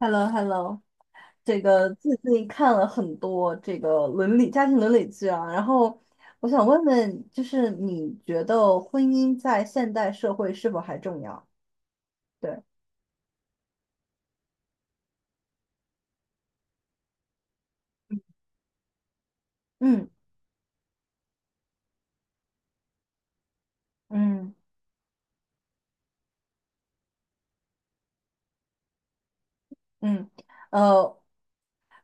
Hello，这个最近看了很多这个伦理家庭伦理剧啊，然后我想问问，就是你觉得婚姻在现代社会是否还重要？对，嗯嗯嗯。呃，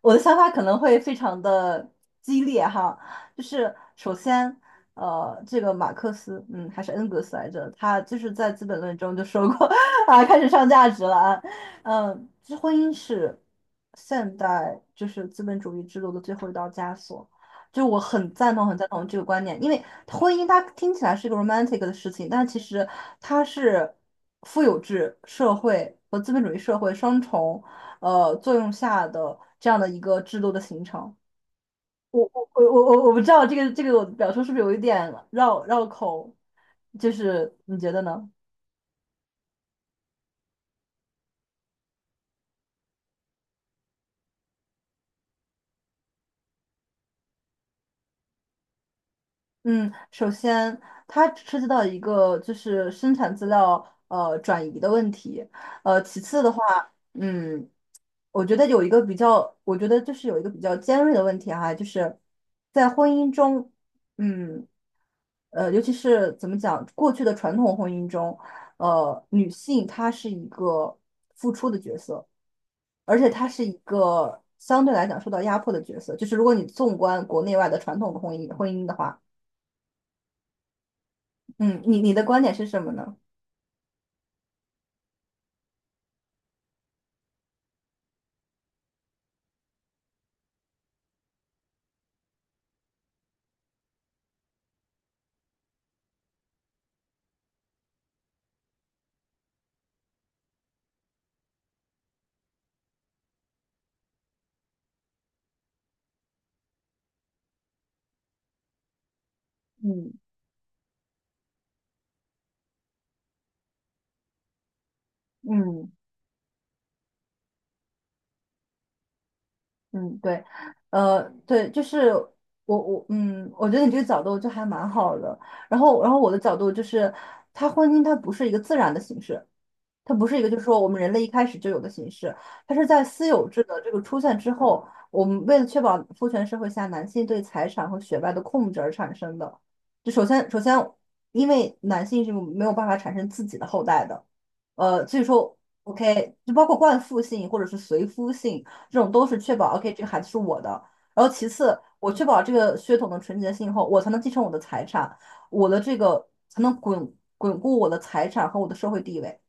我的想法可能会非常的激烈哈。就是首先，这个马克思，还是恩格斯来着，他就是在《资本论》中就说过 啊，开始上价值了啊。这婚姻是现代就是资本主义制度的最后一道枷锁。就我很赞同很赞同这个观念，因为婚姻它听起来是一个 romantic 的事情，但其实它是富有制社会和资本主义社会双重作用下的这样的一个制度的形成。我不知道这个我的表述是不是有一点绕绕口，就是你觉得呢？嗯，首先它涉及到一个就是生产资料转移的问题。其次的话，嗯，我觉得有一个比较，我觉得就是有一个比较尖锐的问题哈，就是在婚姻中，嗯。尤其是怎么讲，过去的传统婚姻中，女性她是一个付出的角色，而且她是一个相对来讲受到压迫的角色。就是如果你纵观国内外的传统的婚姻的话，嗯，你的观点是什么呢？嗯嗯嗯，对，对，就是我觉得你这个角度就还蛮好的。然后我的角度就是，它婚姻它不是一个自然的形式。它不是一个，就是说我们人类一开始就有的形式，它是在私有制的这个出现之后，我们为了确保父权社会下男性对财产和血脉的控制而产生的。就首先，因为男性是没有办法产生自己的后代的，所以说，OK，就包括冠父性或者是随夫性这种，都是确保 OK 这个孩子是我的。然后其次，我确保这个血统的纯洁性后，我才能继承我的财产，我的这个才能巩固我的财产和我的社会地位。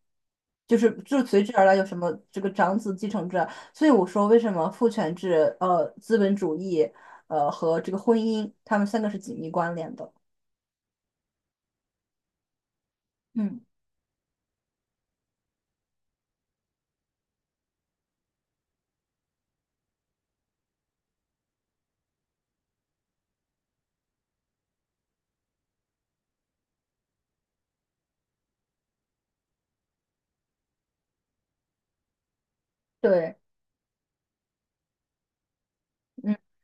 就是就随之而来有什么这个长子继承制啊，所以我说为什么父权制、资本主义、和这个婚姻，他们三个是紧密关联的。嗯，对，嗯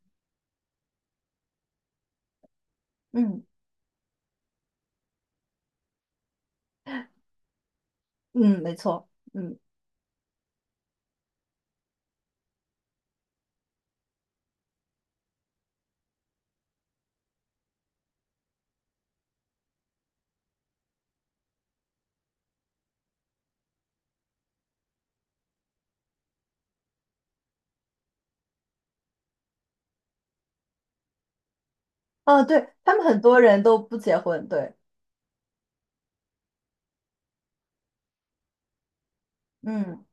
嗯嗯，没错，嗯啊，对，他们很多人都不结婚，对，嗯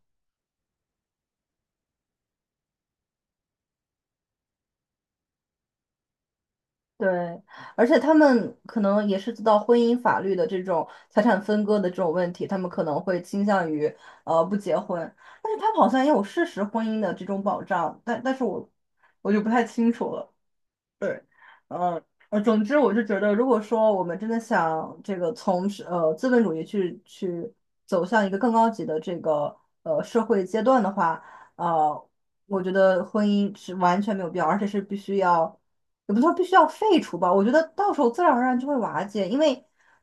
对，而且他们可能也是知道婚姻法律的这种财产分割的这种问题，他们可能会倾向于不结婚，但是他们好像也有事实婚姻的这种保障，但是我就不太清楚了。对。呃总之我就觉得，如果说我们真的想这个从是资本主义去走向一个更高级的这个社会阶段的话，呃，我觉得婚姻是完全没有必要，而且是必须要，也不是说必须要废除吧，我觉得到时候自然而然就会瓦解。因为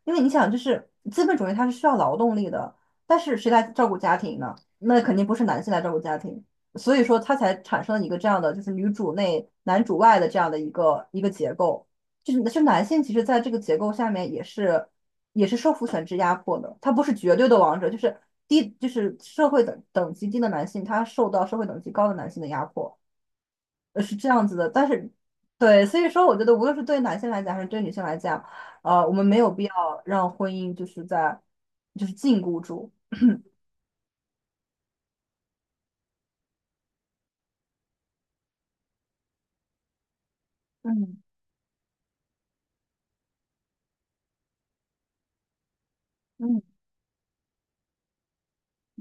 因为你想，就是资本主义它是需要劳动力的，但是谁来照顾家庭呢？那肯定不是男性来照顾家庭。所以说它才产生了一个这样的，就是女主内男主外的这样的一个结构。就是是男性，其实在这个结构下面也是受父权制压迫的，他不是绝对的王者，就是低就是社会等级低的男性，他受到社会等级高的男性的压迫，是这样子的。但是对，所以说我觉得无论是对男性来讲还是对女性来讲，我们没有必要让婚姻就是在就是禁锢住。嗯嗯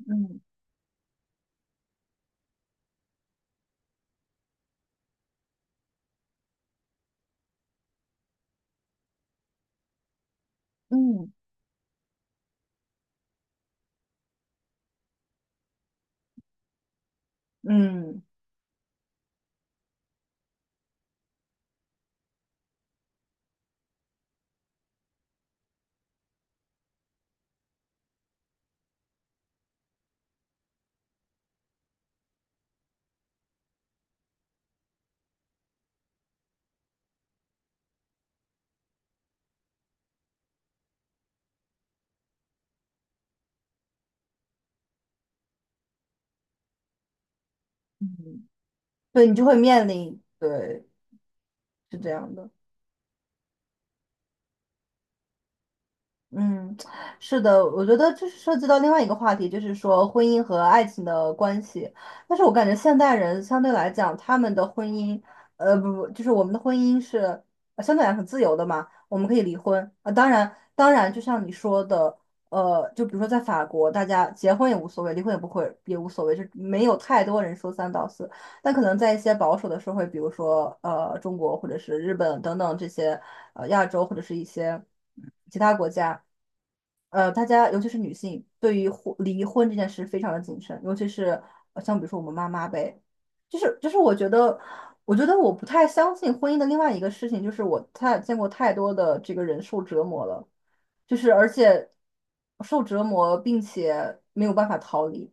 嗯嗯嗯。嗯。对，你就会面临，对，是这样的。嗯，是的，我觉得这是涉及到另外一个话题，就是说婚姻和爱情的关系。但是我感觉现代人相对来讲，他们的婚姻，不不，就是我们的婚姻是相对来讲很自由的嘛，我们可以离婚啊。当然，当然，就像你说的，就比如说在法国，大家结婚也无所谓，离婚也不会也无所谓，就没有太多人说三道四。但可能在一些保守的社会，比如说中国或者是日本等等这些亚洲或者是一些其他国家，大家尤其是女性对于离婚这件事非常的谨慎，尤其是像比如说我们妈妈呗。就是我觉得我不太相信婚姻的另外一个事情，就是我太见过太多的这个人受折磨了，就是而且受折磨并且没有办法逃离。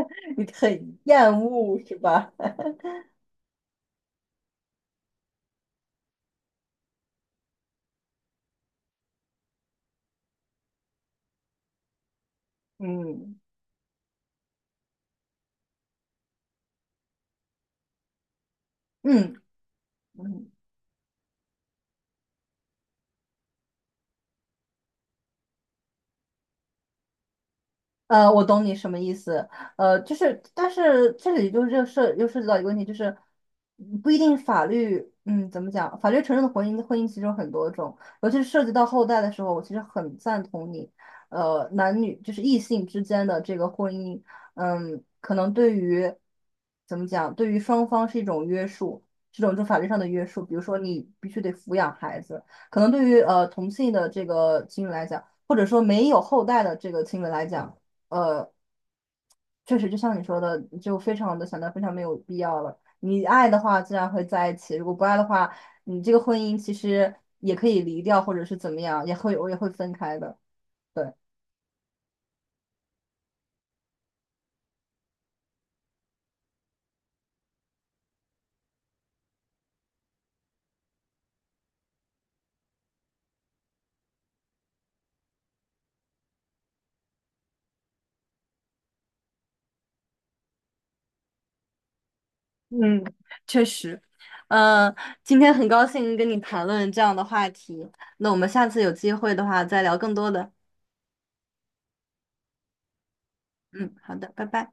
你很厌恶是吧？嗯。嗯嗯。我懂你什么意思。就是，但是这里就是这涉及到一个问题，就是不一定法律。嗯，怎么讲？法律承认的婚姻，婚姻其实有很多种，尤其是涉及到后代的时候，我其实很赞同你。男女就是异性之间的这个婚姻，可能对于怎么讲，对于双方是一种约束，这种就法律上的约束。比如说，你必须得抚养孩子，可能对于同性的这个情侣来讲，或者说没有后代的这个情侣来讲。呃，确实就像你说的，就非常的想到非常没有必要了。你爱的话，自然会在一起；如果不爱的话，你这个婚姻其实也可以离掉，或者是怎么样，我也会分开的。嗯，确实。呃，今天很高兴跟你谈论这样的话题，那我们下次有机会的话再聊更多的。嗯，好的，拜拜。